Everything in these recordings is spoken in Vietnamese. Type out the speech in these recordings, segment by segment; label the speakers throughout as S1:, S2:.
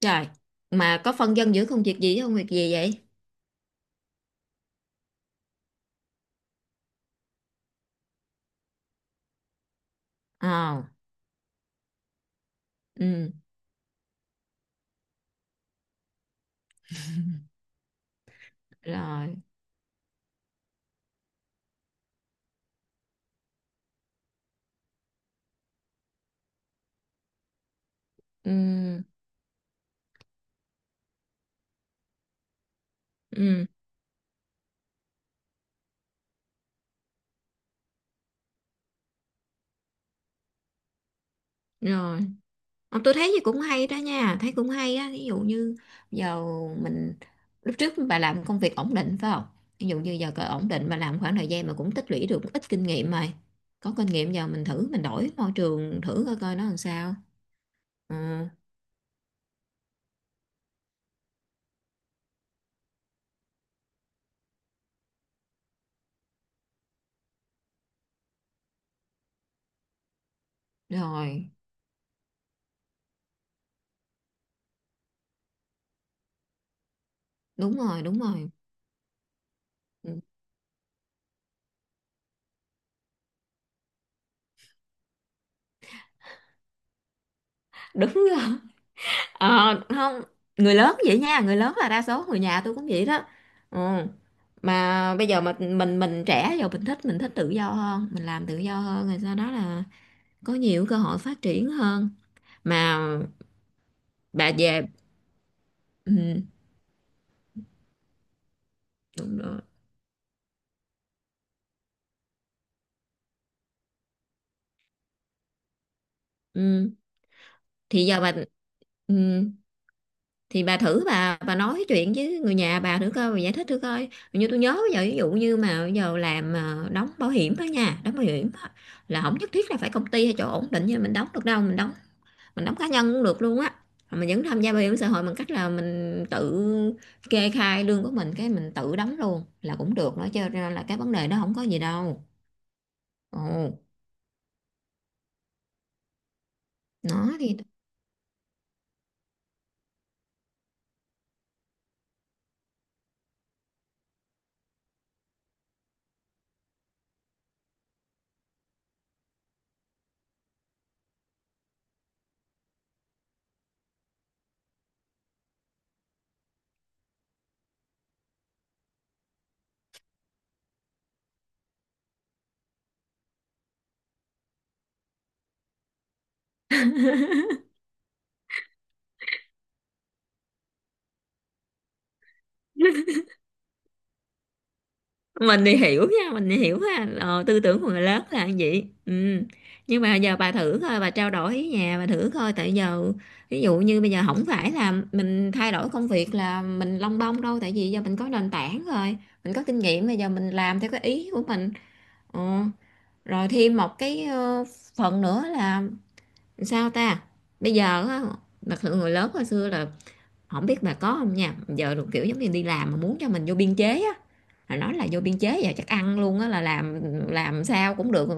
S1: Trời, mà có phân dân giữa công việc gì với công việc gì vậy? Ờ, ừ, rồi, ừ, ừ, rồi. Ờ, tôi thấy gì cũng hay đó nha, thấy cũng hay á. Ví dụ như giờ mình, lúc trước bà làm công việc ổn định phải không? Ví dụ như giờ cỡ ổn định mà làm khoảng thời gian mà cũng tích lũy được ít kinh nghiệm rồi. Có kinh nghiệm giờ mình thử, mình đổi môi trường thử coi coi nó làm sao. Ừ, rồi, đúng rồi, đúng rồi. Ừ, đúng rồi. Ờ, không, người lớn vậy nha, người lớn là đa số người nhà tôi cũng vậy đó, ừ. Mà bây giờ mà mình trẻ, giờ mình thích tự do hơn, mình làm tự do hơn, rồi sau đó là có nhiều cơ hội phát triển hơn mà. Bà về ừ, đúng rồi. Ừ. Thì giờ bà ừ, thì bà thử bà nói chuyện với người nhà bà thử coi, bà giải thích thử coi, như tôi nhớ bây giờ ví dụ như mà bây giờ làm đóng bảo hiểm đó nha, đóng bảo hiểm á, là không nhất thiết là phải công ty hay chỗ ổn định như mình đóng được đâu, mình đóng cá nhân cũng được luôn á. Mà mình vẫn tham gia bảo hiểm xã hội bằng cách là mình tự kê khai lương của mình, cái mình tự đóng luôn là cũng được nữa, cho nên là cái vấn đề đó không có gì đâu. Ồ, nó thì mình thì hiểu nha, mình thì hiểu ha, tư tưởng của người lớn là như vậy, ừ. Nhưng mà giờ bà thử coi, bà trao đổi với nhà bà thử coi, tại giờ ví dụ như bây giờ không phải là mình thay đổi công việc là mình lông bông đâu, tại vì giờ mình có nền tảng rồi, mình có kinh nghiệm, bây giờ mình làm theo cái ý của mình. Ờ, rồi thêm một cái phần nữa là, sao ta, bây giờ á, đặc sự người lớn hồi xưa là không biết bà có không nha, giờ được kiểu giống như đi làm mà muốn cho mình vô biên chế á, là nói là vô biên chế giờ chắc ăn luôn á, là làm sao cũng được,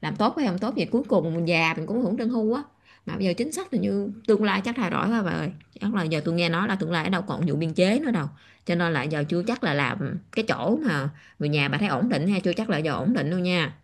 S1: làm tốt hay không tốt vậy cuối cùng mình già mình cũng hưởng lương hưu á. Mà bây giờ chính sách là, như tương lai chắc thay đổi quá bà ơi, chắc là giờ tôi nghe nói là tương lai ở đâu còn vụ biên chế nữa đâu, cho nên là giờ chưa chắc là làm cái chỗ mà người nhà bà thấy ổn định, hay chưa chắc là giờ ổn định đâu nha,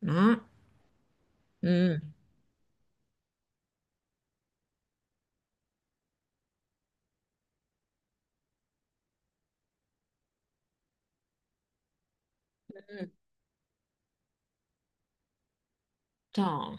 S1: đó, ừ. Trời,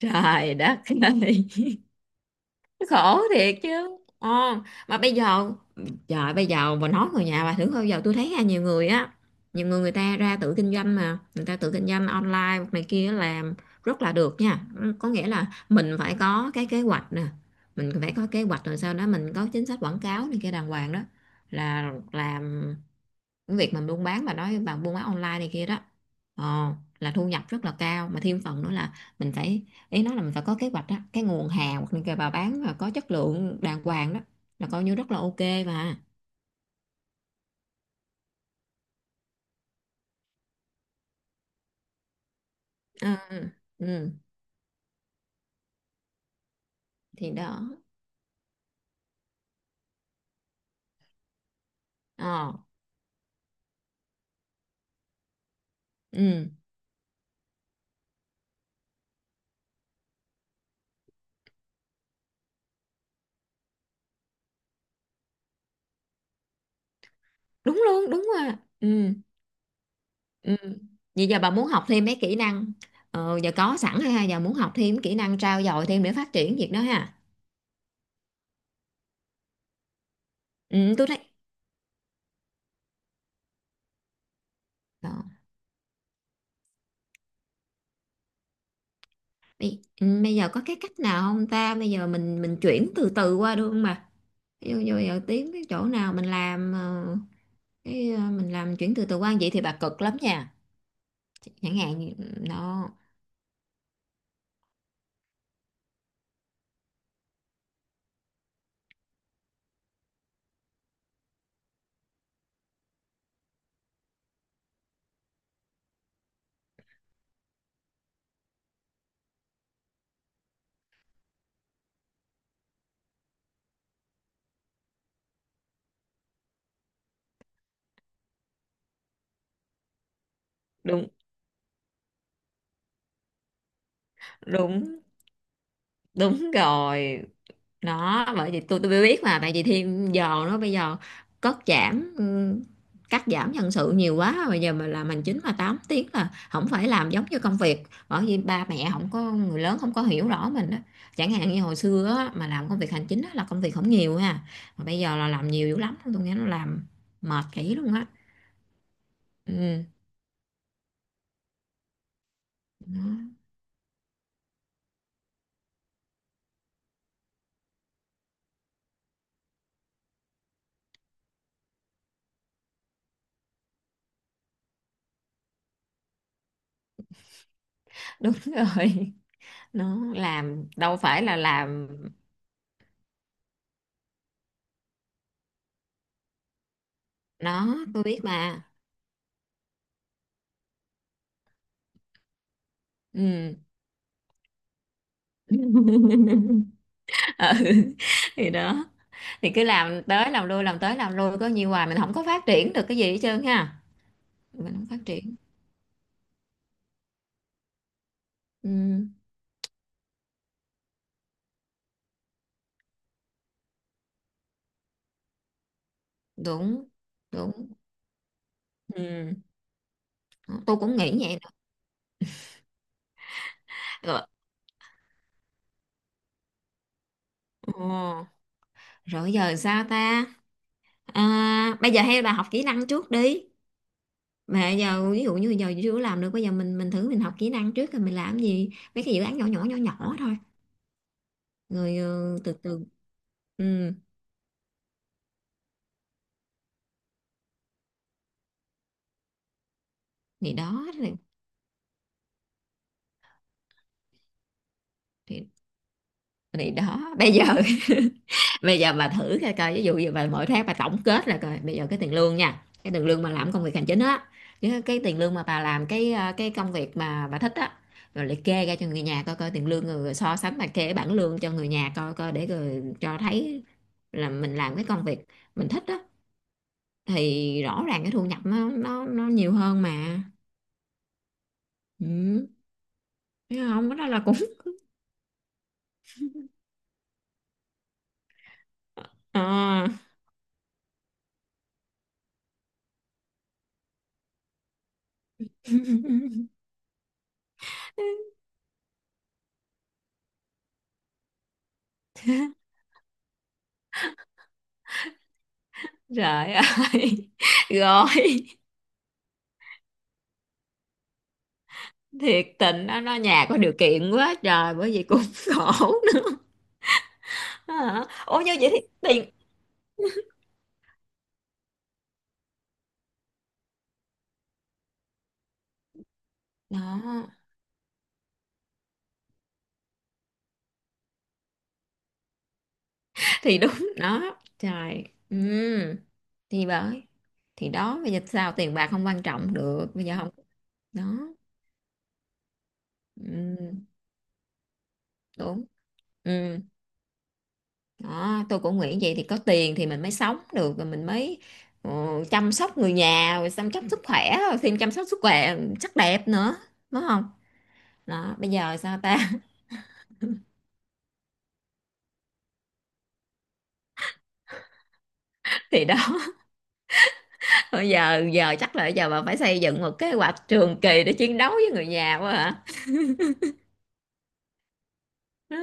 S1: trời đất ơi, khổ thiệt chứ. Ờ, mà bây giờ, trời bây giờ bà nói người nhà bà thử coi, bây giờ tôi thấy ha, nhiều người á, nhiều người, người ta ra tự kinh doanh mà, người ta tự kinh doanh online này kia, làm rất là được nha. Ừ, có nghĩa là mình phải có cái kế hoạch nè, mình phải có kế hoạch rồi sau đó mình có chính sách quảng cáo này kia đàng hoàng đó, là làm cái việc mà buôn bán, bà nói bà buôn bán online này kia đó, ờ, là thu nhập rất là cao, mà thêm phần nữa là mình phải, ý nói là mình phải có kế hoạch đó, cái nguồn hàng hoặc là bà bán mà có chất lượng đàng hoàng đó, là coi như rất là ok mà. Ừ, ừ, thì đó, ờ, ừ, đúng luôn, đúng rồi, ừ, ừ. Vậy giờ bà muốn học thêm mấy kỹ năng, giờ có sẵn ha, giờ muốn học thêm kỹ năng trau dồi thêm để phát triển việc đó ha. Ừ, tôi thấy. Bây giờ có cái cách nào không ta? Bây giờ mình chuyển từ từ qua được không bà? Ví dụ như bây giờ tiếng cái chỗ nào mình làm cái mình làm chuyển từ từ qua vậy thì bà cực lắm nha. Chẳng hạn như- nó. Đúng, đúng, đúng rồi. Đó, bởi vì tôi mới biết mà, tại vì thêm giờ nó bây giờ cắt giảm ừ, cắt giảm nhân sự nhiều quá, bây giờ mà làm hành chính mà 8 tiếng là không phải làm giống như công việc, bởi vì ba mẹ không có, người lớn không có hiểu rõ mình đó, chẳng hạn như hồi xưa á, mà làm công việc hành chính á, là công việc không nhiều ha, mà bây giờ là làm nhiều dữ lắm, tôi nghe nó làm mệt kỹ luôn á. Ừ, nó- đúng rồi, nó làm đâu phải là làm, nó tôi biết mà. Ừ, ừ. Thì đó, thì cứ làm tới làm lui làm tới làm lui, có nhiều hoài mình không có phát triển được cái gì hết trơn ha, mình không phát triển. Ừ, đúng, đúng, ừ. Tôi cũng nghĩ vậy đó. Rồi, ừ. Rồi giờ sao ta, à, bây giờ hay là học kỹ năng trước đi, mà giờ ví dụ như giờ chưa làm được, bây giờ mình thử mình học kỹ năng trước rồi mình làm gì mấy cái dự án nhỏ nhỏ nhỏ nhỏ thôi, rồi ờ, từ từ. Ừ, thì đó, thì thì đó bây giờ bây giờ bà thử coi coi, ví dụ như bà mỗi tháng bà tổng kết là coi bây giờ cái tiền lương nha, cái tiền lương mà làm công việc hành chính á, với cái tiền lương mà bà làm cái công việc mà bà thích á, rồi liệt kê ra cho người nhà coi coi tiền lương, rồi rồi so sánh, liệt kê cái bảng lương cho người nhà coi coi để rồi cho thấy là mình làm cái công việc mình thích á thì rõ ràng cái thu nhập nó nhiều hơn mà. Ừ, thấy không, cái đó là cũng ờ. Trời ơi, rồi, thiệt tình nó nhà có điều kiện quá trời, bởi vì cũng khổ nữa. Hả? Ủa, như vậy thì tiền. Đó thì đúng, đó, trời, ừ. Thì bởi, thì đó, bây giờ sao tiền bạc không quan trọng được, bây giờ không. Đó, ừ. Đúng, ừ. Đó, tôi cũng nghĩ vậy, thì có tiền thì mình mới sống được, rồi mình mới ờ, chăm sóc người nhà, rồi chăm sóc sức khỏe, rồi thêm chăm sóc sức khỏe sắc đẹp nữa, đúng không? Đó, bây giờ sao ta. Thì đó, bây giờ giờ chắc là giờ bà phải xây dựng một kế hoạch trường kỳ để chiến đấu với người nhà quá hả? Đó,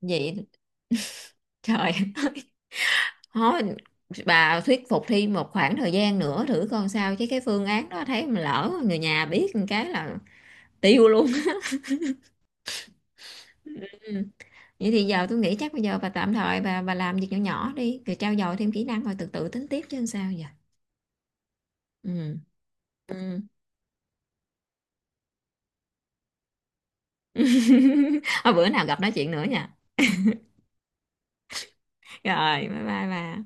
S1: vậy, trời. Thôi, bà thuyết phục Thi một khoảng thời gian nữa thử coi sao, chứ cái phương án đó thấy mà lỡ người nhà biết một cái là tiêu luôn. Ừm, Vậy thì giờ tôi nghĩ chắc bây giờ bà tạm thời bà làm việc nhỏ nhỏ đi, rồi trau dồi thêm kỹ năng rồi từ từ tính tiếp chứ sao giờ. Ừ. Ừ. Thôi bữa nào gặp nói chuyện nữa nha. Rồi, bye bye bà.